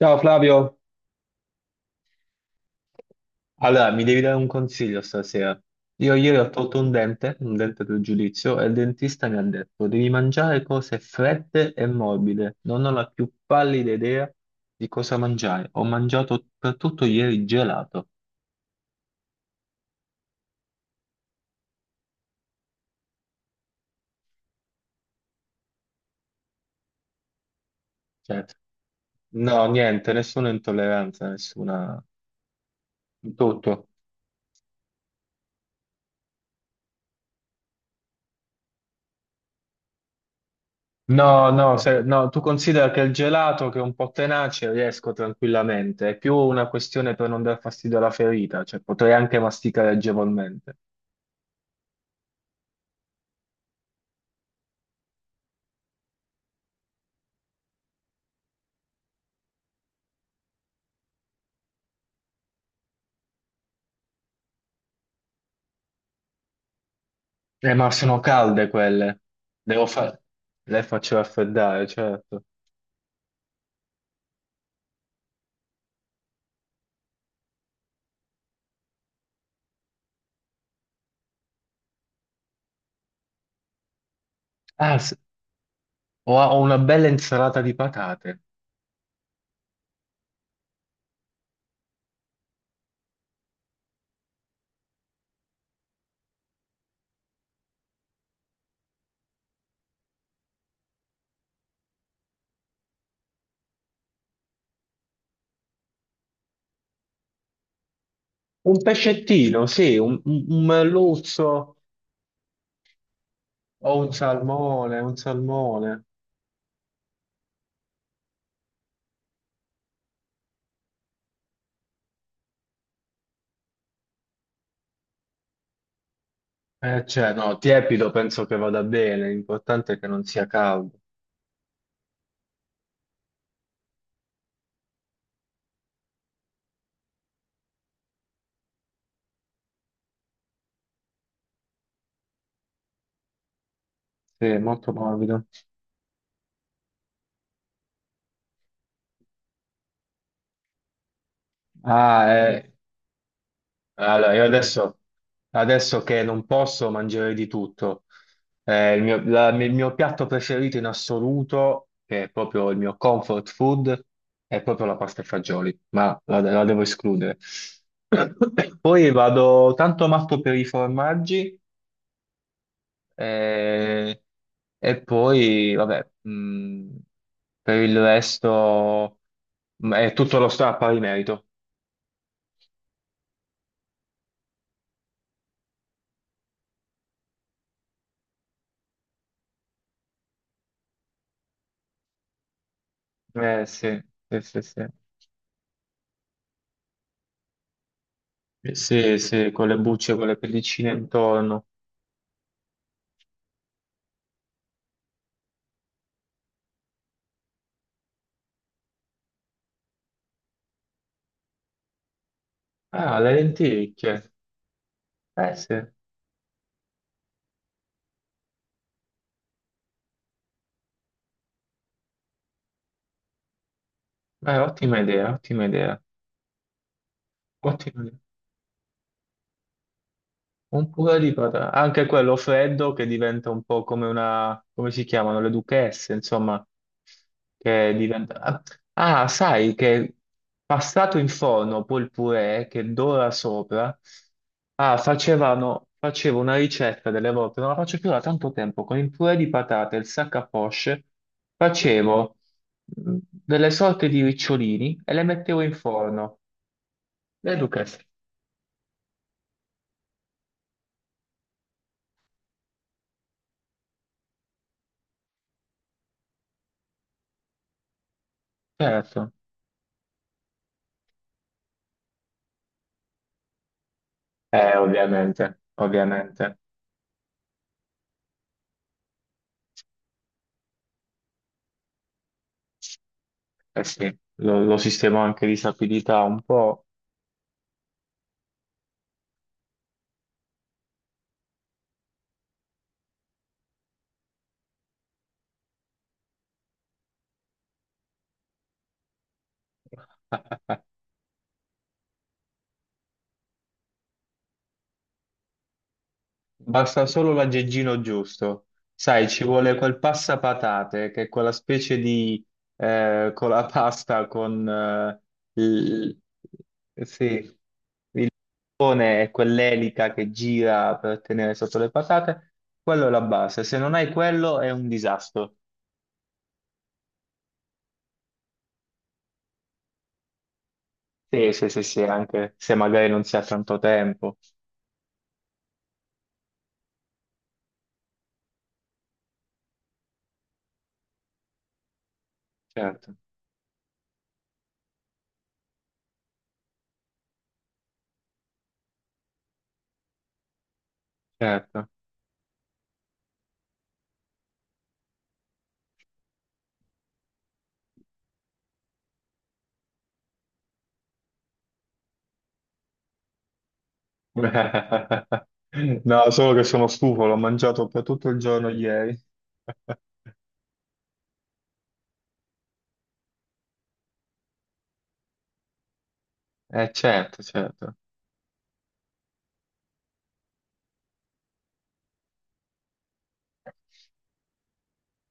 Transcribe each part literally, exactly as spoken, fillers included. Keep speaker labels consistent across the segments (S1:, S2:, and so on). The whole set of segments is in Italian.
S1: Ciao Flavio, allora mi devi dare un consiglio stasera. Io ieri ho tolto un dente, un dente del giudizio, e il dentista mi ha detto devi mangiare cose fredde e morbide. Non ho la più pallida idea di cosa mangiare. Ho mangiato per tutto ieri gelato. Cioè, no, niente, nessuna intolleranza, nessuna... Tutto. No, no, se- no, tu considera che il gelato che è un po' tenace riesco tranquillamente, è più una questione per non dar fastidio alla ferita, cioè potrei anche masticare agevolmente. Eh, ma sono calde quelle, devo fare, le faccio raffreddare, certo. Ah, s- ho, ho una bella insalata di patate, un pescettino, sì, un, un, un merluzzo o un salmone, un salmone. Eh, cioè, no, tiepido penso che vada bene, l'importante è che non sia caldo. Sì, molto morbido. Ah, eh, allora, io adesso, adesso che non posso mangiare di tutto. Eh, il mio, la- il mio piatto preferito in assoluto, che è proprio il mio comfort food, è proprio la pasta e fagioli, ma la, la devo escludere. Poi vado tanto matto per i formaggi eh, e poi, vabbè, mh, per il resto mh, è tutto lo sta a pari merito. Eh, sì, sì, sì, sì. Eh, sì, sì, con le bucce, con le pellicine intorno. Ah, le lenticchie. Eh sì. Eh, ottima idea, ottima idea. Ottima idea. Un purè di patate, anche quello freddo che diventa un po' come una, come si chiamano, le duchesse, insomma, che diventa... Ah, ah, sai che passato in forno poi il purè che dora sopra, ah, facevano, facevo una ricetta delle volte, non la faccio più da tanto tempo, con il purè di patate e il sac à poche, facevo mh, delle sorte di ricciolini e le mettevo in forno, le duchesse, certo, eh, ovviamente, ovviamente. Eh sì, lo, lo sistema anche di sapidità un po'. Basta solo l'aggeggino giusto. Sai, ci vuole quel passapatate, che è quella specie di... eh, con la pasta, con... eh, il- eh, sì, pone e quell'elica che gira per tenere sotto le patate. Quello è la base. Se non hai quello è un disastro. Sì, sì, sì, sì, anche se magari non si ha tanto tempo. Certo, certo. No, solo che sono stufo, l'ho mangiato per tutto il giorno ieri. Eh, certo, certo.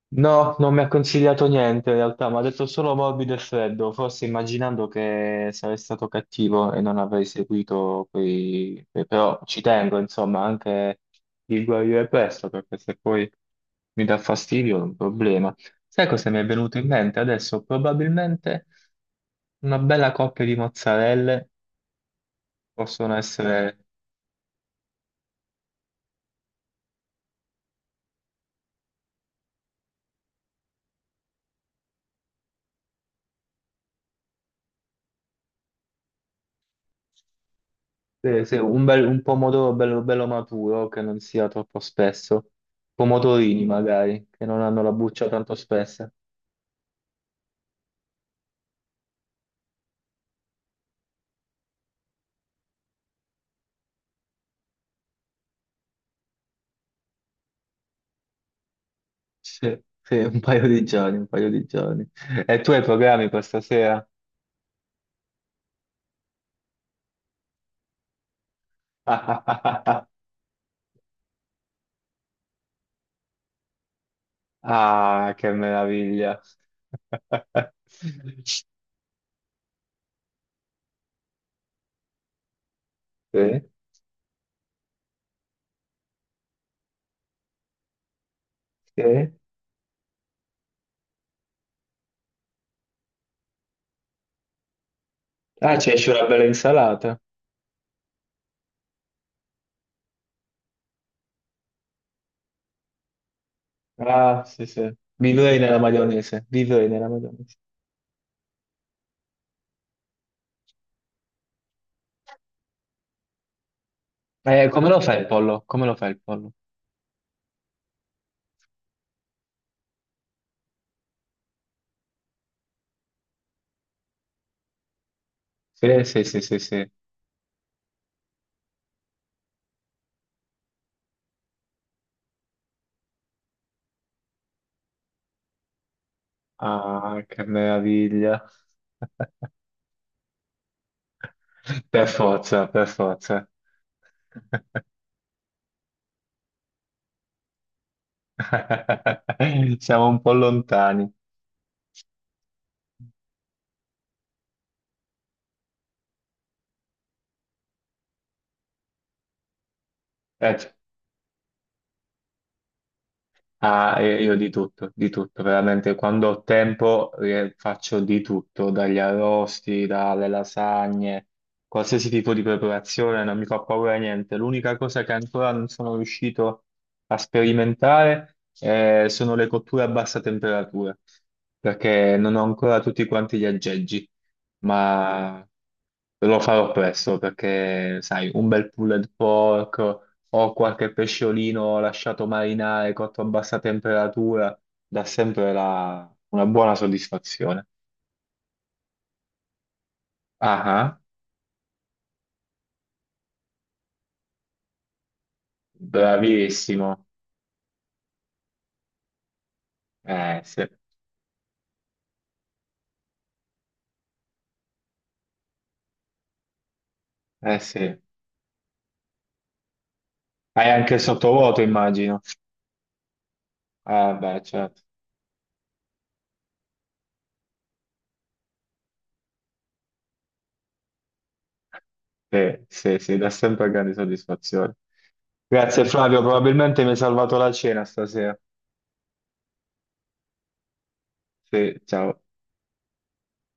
S1: No, non mi ha consigliato niente in realtà, mi ha detto solo morbido e freddo, forse immaginando che sarei stato cattivo e non avrei seguito quei... quei- Però ci tengo, insomma, anche di guarire presto, perché se poi mi dà fastidio è un problema. Sai cosa mi è venuto in mente adesso? Probabilmente una bella coppia di mozzarelle. Possono essere, eh, se un, bel- un pomodoro bello, bello maturo che non sia troppo spesso, pomodorini magari che non hanno la buccia tanto spessa. Sì, sì, un paio di giorni, un paio di giorni. E tu hai programmi per stasera? Ah, che meraviglia! Sì, sì. Ah, ci esce una bella insalata. Ah, sì, sì. Vivrei nella maionese, vivrei nella maionese. Eh, come lo fai il pollo? Come lo fai il pollo? Sì, sì, sì, sì, sì. Ah, che meraviglia. Per forza, per forza. Siamo un po' lontani. Eh, Ah, eh, io di tutto, di tutto, veramente quando ho tempo eh, faccio di tutto, dagli arrosti, dalle lasagne, qualsiasi tipo di preparazione, non mi fa paura niente. L'unica cosa che ancora non sono riuscito a sperimentare eh, sono le cotture a bassa temperatura, perché non ho ancora tutti quanti gli aggeggi. Devo farlo presto perché, sai, un bel pulled pork o qualche pesciolino lasciato marinare cotto a bassa temperatura dà sempre la- una buona soddisfazione. Ah, ah, bravissimo. Eh sì, eh sì. Hai anche il sottovuoto, immagino. Eh beh, certo. Sì, sì, sì, dà sempre grandi soddisfazioni. Grazie Flavio, probabilmente mi hai salvato la cena stasera. Sì, ciao.